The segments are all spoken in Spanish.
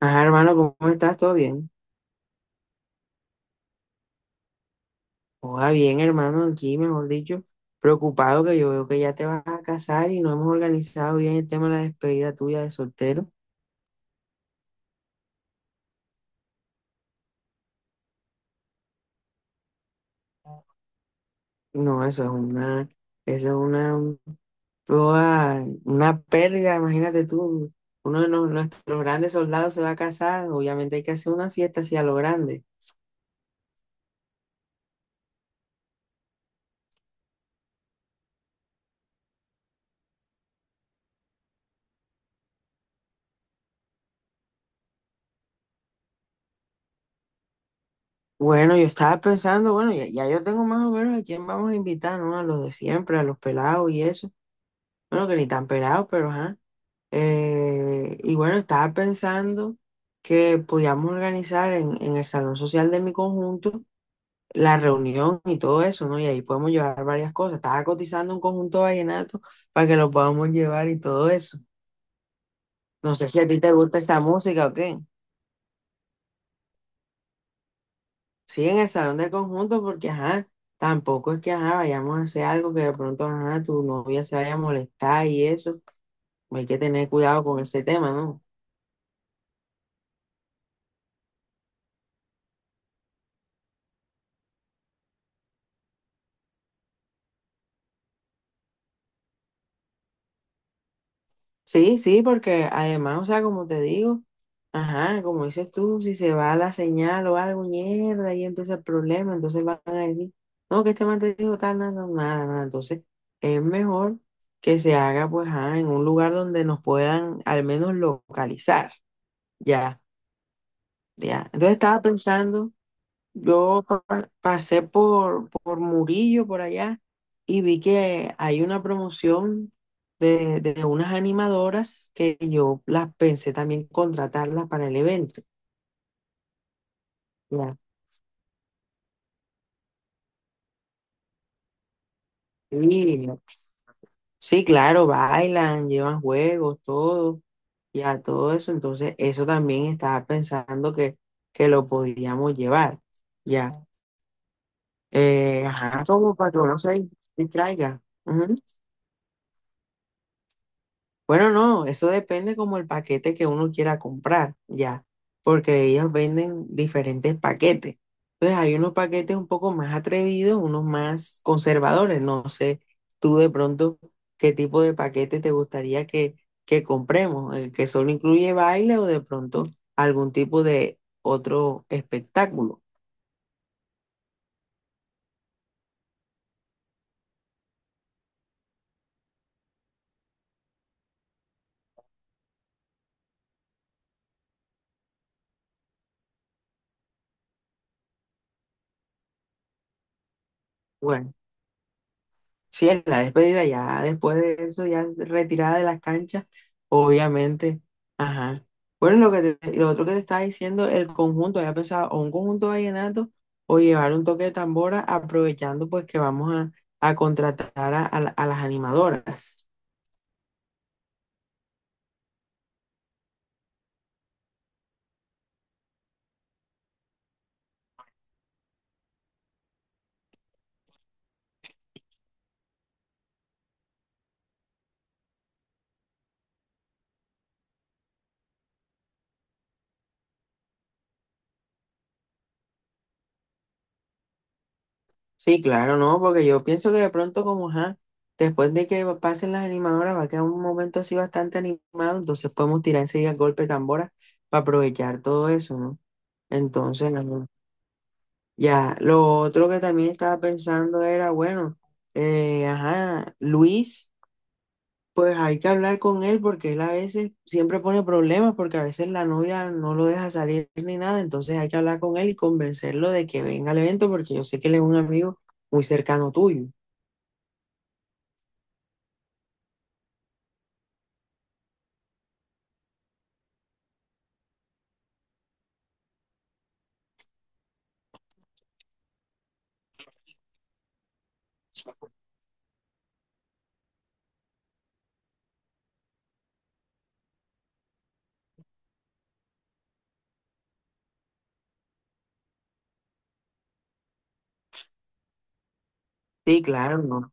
Ajá, hermano, ¿cómo estás? ¿Todo bien? Joda bien, hermano, aquí, mejor dicho, preocupado que yo veo que ya te vas a casar y no hemos organizado bien el tema de la despedida tuya de soltero. No, eso es una pérdida, imagínate tú, uno de nuestros grandes soldados se va a casar, obviamente hay que hacer una fiesta así a lo grande. Bueno, yo estaba pensando, bueno, ya yo tengo más o menos a quién vamos a invitar, ¿no? A los de siempre, a los pelados y eso. Bueno, que ni tan pelados, pero ajá. Y bueno, estaba pensando que podíamos organizar en el salón social de mi conjunto la reunión y todo eso, ¿no? Y ahí podemos llevar varias cosas. Estaba cotizando un conjunto vallenato para que lo podamos llevar y todo eso. No sé si a ti te gusta esa música o qué. Sí, en el salón del conjunto, porque ajá, tampoco es que ajá, vayamos a hacer algo que de pronto ajá, tu novia se vaya a molestar y eso. Hay que tener cuidado con ese tema, ¿no? Sí, sí, porque además, o sea, como te digo, ajá, como dices tú, si se va la señal o algo, mierda, ahí empieza el problema, entonces van a decir, no, que este man te dijo tal, nada, nada, nada, nada". Entonces es mejor que se haga, pues, ajá, en un lugar donde nos puedan al menos localizar, ya, ya. Entonces estaba pensando yo pasé por Murillo, por allá, y vi que hay una promoción de unas animadoras que yo las pensé también contratarlas para el evento. Ya. Y- Sí, claro, bailan, llevan juegos, todo, ya todo eso. Entonces, eso también estaba pensando que lo podíamos llevar, ya. Ajá, como para que uno se distraiga. Bueno, no, eso depende como el paquete que uno quiera comprar, ya, porque ellos venden diferentes paquetes. Entonces hay unos paquetes un poco más atrevidos, unos más conservadores. No sé, tú de pronto, qué tipo de paquete te gustaría que compremos, el que solo incluye baile o de pronto algún tipo de otro espectáculo. Bueno. Sí, en la despedida, ya después de eso, ya retirada de las canchas, obviamente. Ajá. Bueno, lo que lo otro que te estaba diciendo, el conjunto, había pensado o un conjunto vallenato o llevar un toque de tambora, aprovechando pues que vamos a contratar a las animadoras. Sí, claro, no, porque yo pienso que de pronto, como ajá, después de que pasen las animadoras, va a quedar un momento así bastante animado, entonces podemos tirar enseguida el golpe de tambora para aprovechar todo eso, ¿no? Entonces, ajá. Ya, lo otro que también estaba pensando era, bueno, ajá, Luis, pues hay que hablar con él porque él a veces siempre pone problemas porque a veces la novia no lo deja salir ni nada, entonces hay que hablar con él y convencerlo de que venga al evento porque yo sé que él es un amigo muy cercano tuyo. Sí, claro, no.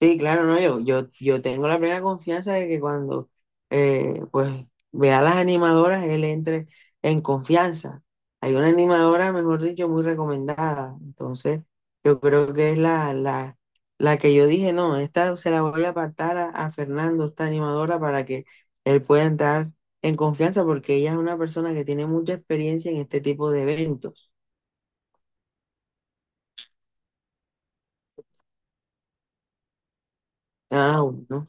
Sí, claro, no, yo tengo la plena confianza de que cuando pues vea a las animadoras, él entre en confianza. Hay una animadora, mejor dicho, muy recomendada. Entonces, yo creo que es la que yo dije, no, esta se la voy a apartar a Fernando, esta animadora, para que él pueda entrar en confianza, porque ella es una persona que tiene mucha experiencia en este tipo de eventos. Ah, bueno.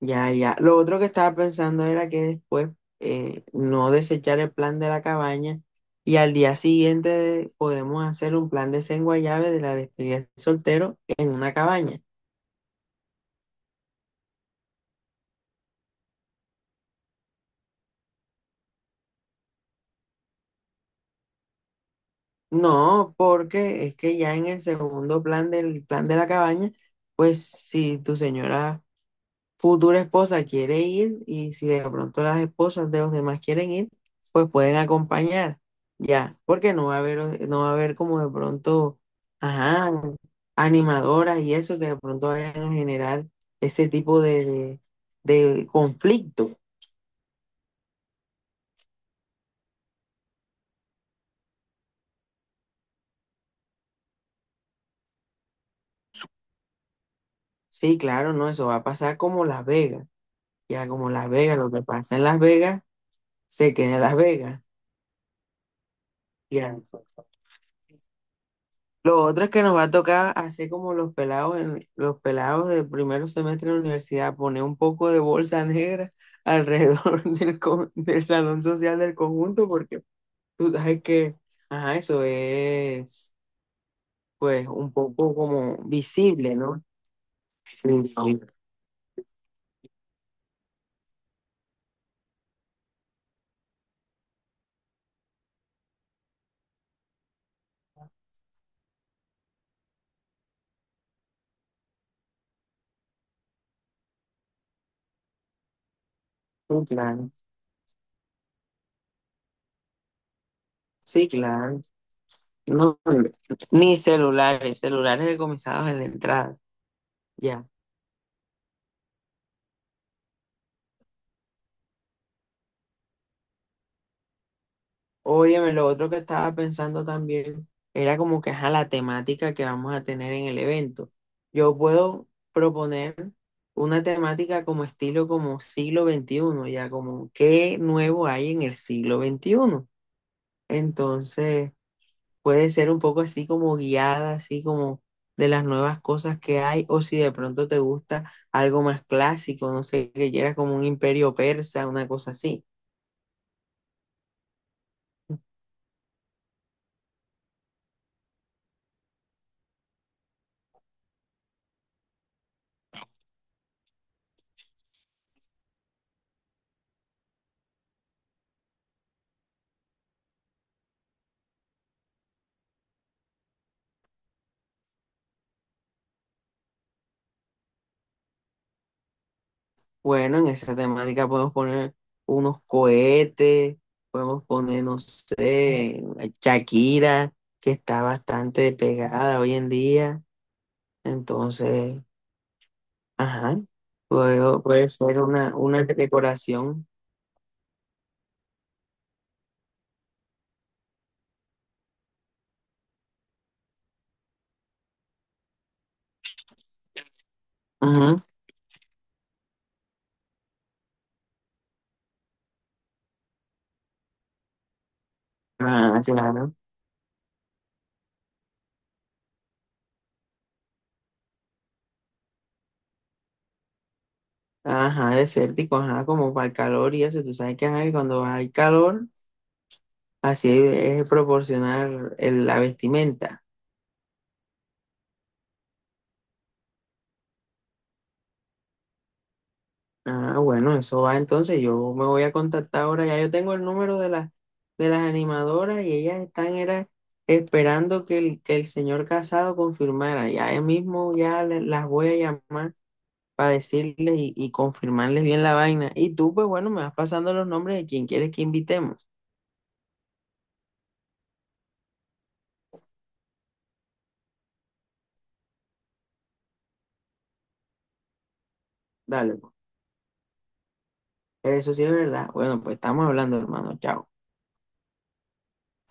Ya, ya. Lo otro que estaba pensando era que después no desechar el plan de la cabaña y al día siguiente podemos hacer un plan de llave de la despedida de soltero en una cabaña. No, porque es que ya en el segundo plan del plan de la cabaña, pues si tu señora futura esposa quiere ir y si de pronto las esposas de los demás quieren ir, pues pueden acompañar, ya, porque no va a haber como de pronto, ajá, animadoras y eso que de pronto vayan a generar ese tipo de conflicto. Sí, claro, no, eso va a pasar como Las Vegas, ya como Las Vegas, lo que pasa en Las Vegas, se queda en Las Vegas, ya. Lo otro es que nos va a tocar hacer como los pelados, los pelados del primer semestre de la universidad, poner un poco de bolsa negra alrededor del, del salón social del conjunto, porque tú sabes que, ajá, eso es, pues, un poco como visible, ¿no? Sí, sí, sí, claro. Sí, claro. No, ni celulares, celulares decomisados en la entrada. Ya. Óyeme, lo otro que estaba pensando también era como que ajá, la temática que vamos a tener en el evento. Yo puedo proponer una temática como estilo como siglo XXI, ya como qué nuevo hay en el siglo XXI. Entonces, puede ser un poco así como guiada, así como de las nuevas cosas que hay, o si de pronto te gusta algo más clásico, no sé, que ya era como un imperio persa, una cosa así. Bueno, en esa temática podemos poner unos cohetes, podemos poner, no sé, Shakira, que está bastante pegada hoy en día. Entonces, ajá, puede ser una decoración. Ujú. Ah, claro. Ajá, desértico, ajá, como para el calor y eso. Tú sabes que ajá, que cuando hay calor, así es proporcionar la vestimenta. Ah, bueno, eso va entonces. Yo me voy a contactar ahora. Ya yo tengo el número de las animadoras y ellas están era, esperando que el señor Casado confirmara. Ya él mismo ya las voy a llamar para decirles y confirmarles bien la vaina. Y tú, pues bueno, me vas pasando los nombres de quien quieres que invitemos. Dale, pues. Eso sí es verdad. Bueno, pues estamos hablando, hermano. Chao.